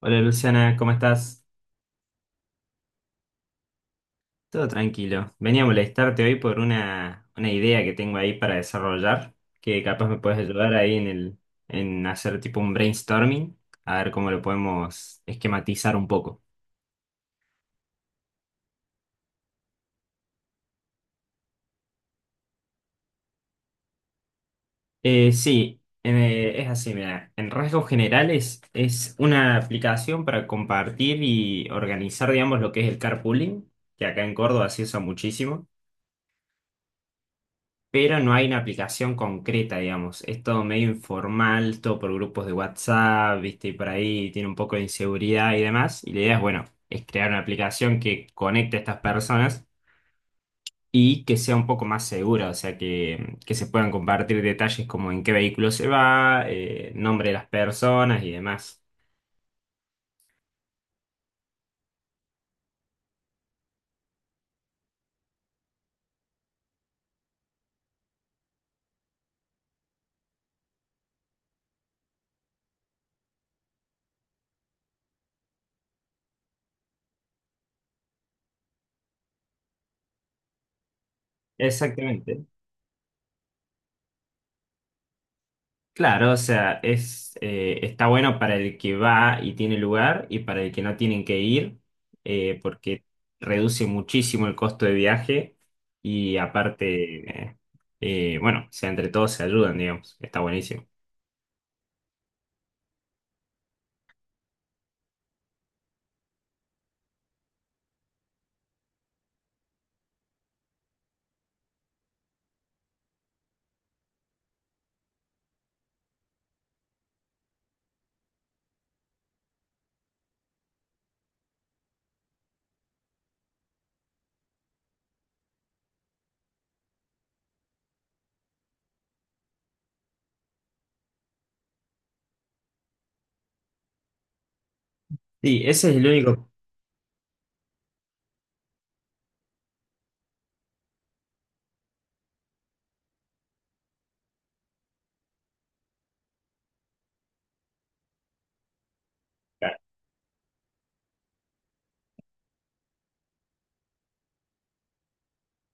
Hola Luciana, ¿cómo estás? Todo tranquilo. Venía a molestarte hoy por una idea que tengo ahí para desarrollar, que capaz me puedes ayudar ahí en en hacer tipo un brainstorming, a ver cómo lo podemos esquematizar un poco. Sí, es así, mira, en rasgos generales es una aplicación para compartir y organizar, digamos, lo que es el carpooling, que acá en Córdoba se usa muchísimo. Pero no hay una aplicación concreta, digamos. Es todo medio informal, todo por grupos de WhatsApp, ¿viste? Y por ahí tiene un poco de inseguridad y demás. Y la idea es, bueno, es crear una aplicación que conecte a estas personas y que sea un poco más segura, o sea, que se puedan compartir detalles como en qué vehículo se va, nombre de las personas y demás. Exactamente. Claro, o sea, está bueno para el que va y tiene lugar y para el que no tienen que ir, porque reduce muchísimo el costo de viaje y aparte, bueno, o sea, entre todos se ayudan, digamos, está buenísimo. Sí, ese es el único.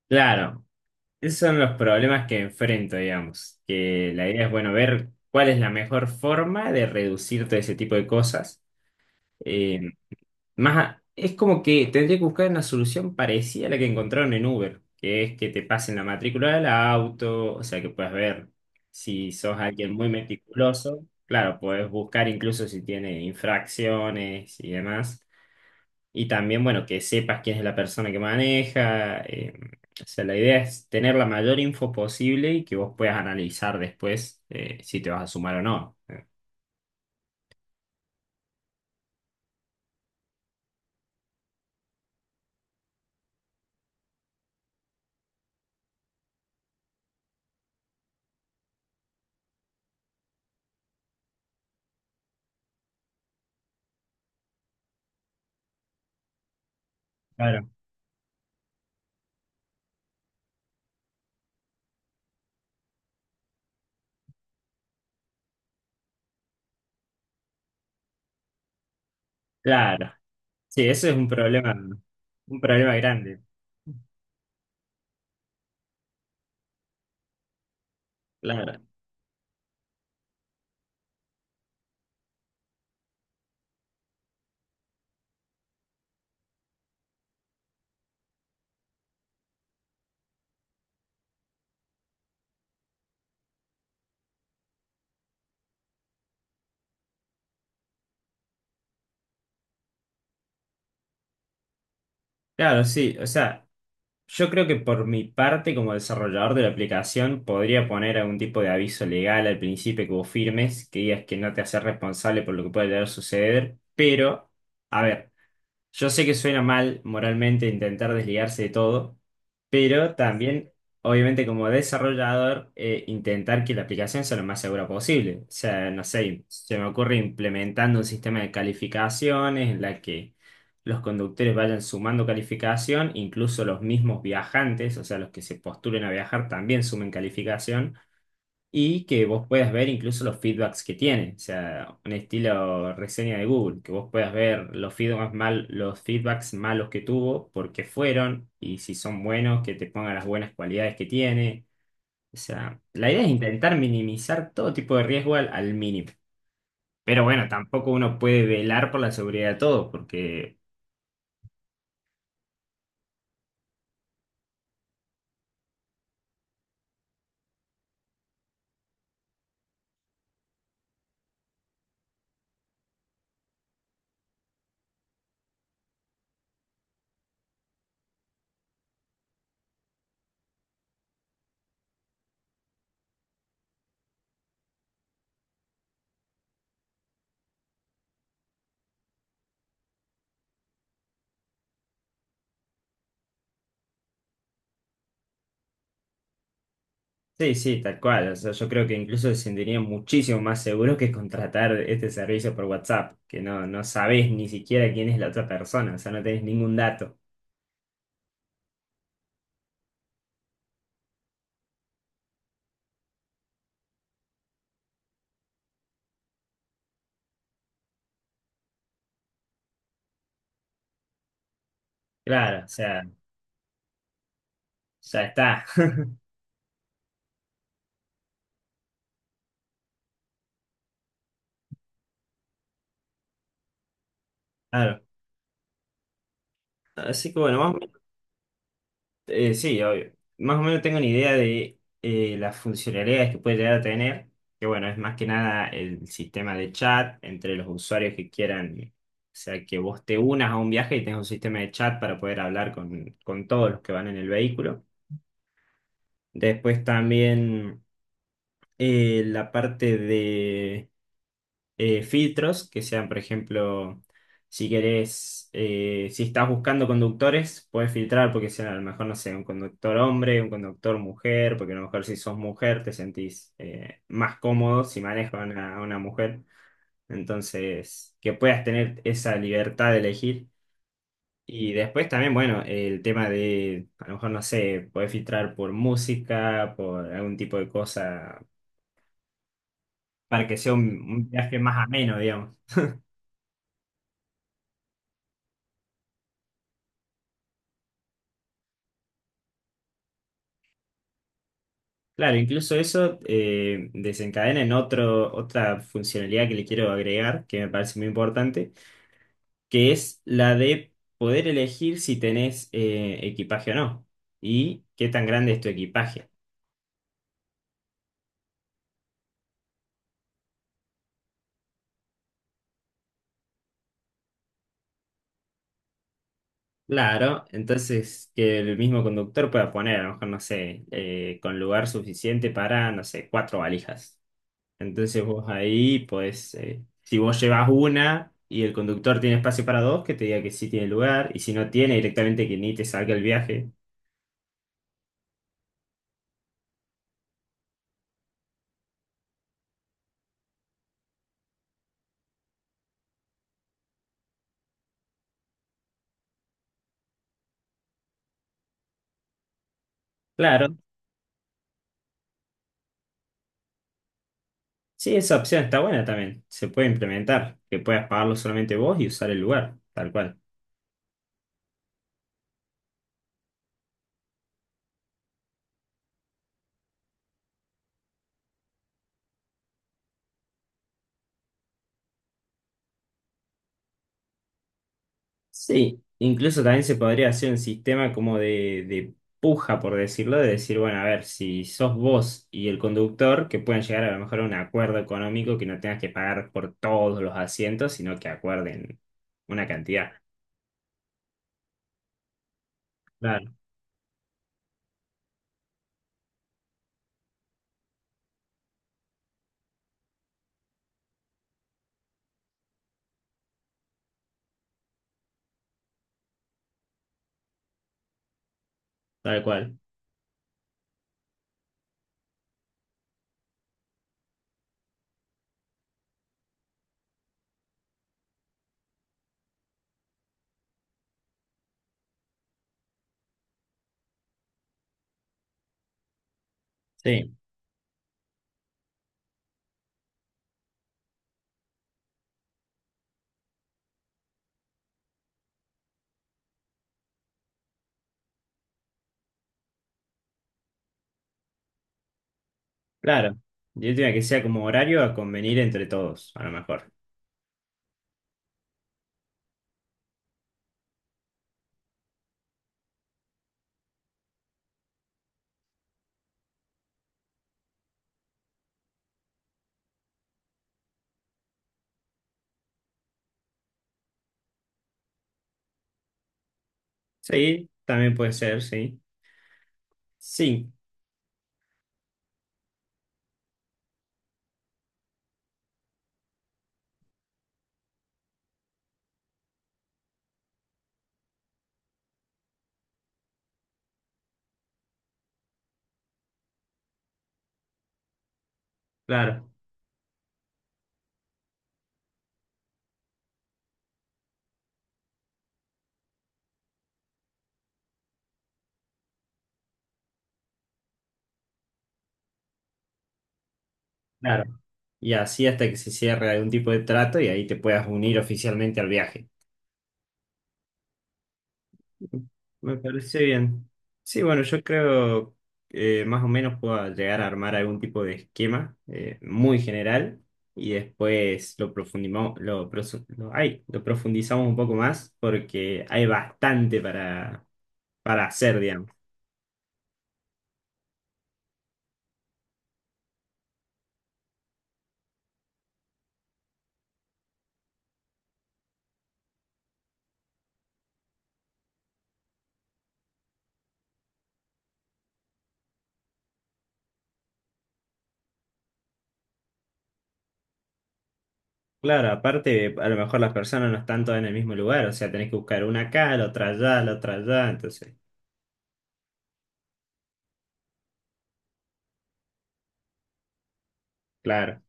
Claro, esos son los problemas que enfrento, digamos, que la idea es, bueno, ver cuál es la mejor forma de reducir todo ese tipo de cosas. Más, es como que tendría que buscar una solución parecida a la que encontraron en Uber, que es que te pasen la matrícula del auto, o sea que puedes ver si sos alguien muy meticuloso. Claro, puedes buscar incluso si tiene infracciones y demás. Y también, bueno, que sepas quién es la persona que maneja. O sea, la idea es tener la mayor info posible y que vos puedas analizar después si te vas a sumar o no. Claro. Claro. Sí, eso es un problema grande. Claro, claro, sí. O sea, yo creo que por mi parte, como desarrollador de la aplicación, podría poner algún tipo de aviso legal al principio que vos firmes, que digas que no te haces responsable por lo que pueda llegar a suceder. Pero, a ver. Yo sé que suena mal moralmente intentar desligarse de todo, pero también, obviamente, como desarrollador, intentar que la aplicación sea lo más segura posible. O sea, no sé, se me ocurre implementando un sistema de calificaciones en la que los conductores vayan sumando calificación, incluso los mismos viajantes, o sea, los que se postulen a viajar también sumen calificación y que vos puedas ver incluso los feedbacks que tiene, o sea, un estilo reseña de Google, que vos puedas ver los feedbacks mal, los feedbacks malos que tuvo, por qué fueron y si son buenos, que te pongan las buenas cualidades que tiene. O sea, la idea es intentar minimizar todo tipo de riesgo al mínimo. Pero bueno, tampoco uno puede velar por la seguridad de todos, porque sí, sí, tal cual. O sea, yo creo que incluso se sentirían muchísimo más seguros que contratar este servicio por WhatsApp, que no, no sabés ni siquiera quién es la otra persona, o sea, no tenés ningún dato. Claro, o sea, ya está. Claro. Así que bueno, más o menos, sí, obvio. Más o menos tengo una idea de las funcionalidades que puede llegar a tener, que bueno, es más que nada el sistema de chat entre los usuarios que quieran. O sea, que vos te unas a un viaje y tengas un sistema de chat para poder hablar con todos los que van en el vehículo. Después también la parte de filtros, que sean, por ejemplo, si querés, si estás buscando conductores, puedes filtrar porque sean a lo mejor, no sé, un conductor hombre, un conductor mujer, porque a lo mejor si sos mujer te sentís más cómodo si manejas a a una mujer. Entonces, que puedas tener esa libertad de elegir. Y después también, bueno, el tema de, a lo mejor, no sé, podés filtrar por música, por algún tipo de cosa para que sea un viaje más ameno, digamos. Claro, incluso eso desencadena en otra funcionalidad que le quiero agregar, que me parece muy importante, que es la de poder elegir si tenés equipaje o no y qué tan grande es tu equipaje. Claro, entonces que el mismo conductor pueda poner, a lo mejor, no sé, con lugar suficiente para, no sé, cuatro valijas. Entonces vos ahí, pues, si vos llevas una y el conductor tiene espacio para dos, que te diga que sí tiene lugar, y si no tiene, directamente que ni te salga el viaje. Claro, sí, esa opción está buena también, se puede implementar, que puedas pagarlo solamente vos y usar el lugar, tal cual. Sí, incluso también se podría hacer un sistema como de, puja, por decirlo, de decir, bueno, a ver, si sos vos y el conductor, que puedan llegar a lo mejor a un acuerdo económico que no tengas que pagar por todos los asientos, sino que acuerden una cantidad. Claro, tal cual. Sí, claro. Yo diría que sea como horario a convenir entre todos, a lo mejor. Sí, también puede ser, sí. Sí, claro, claro. Y así hasta que se cierre algún tipo de trato y ahí te puedas unir oficialmente al viaje. Me parece bien. Sí, bueno, yo creo que más o menos puedo llegar a armar algún tipo de esquema muy general y después lo profundimos, lo, prosu- lo- ay, lo profundizamos un poco más porque hay bastante para hacer, digamos. Claro, aparte, a lo mejor las personas no están todas en el mismo lugar, o sea, tenés que buscar una acá, la otra allá, entonces, claro,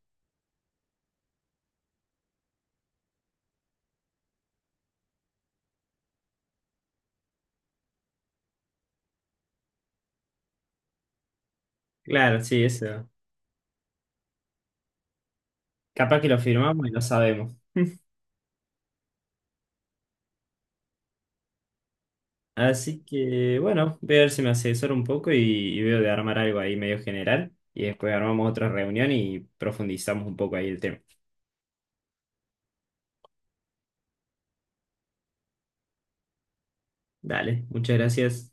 claro, sí, eso. Capaz que lo firmamos y lo sabemos. Así que, bueno, voy a ver si me asesoro un poco y veo de armar algo ahí medio general. Y después armamos otra reunión y profundizamos un poco ahí el tema. Dale, muchas gracias.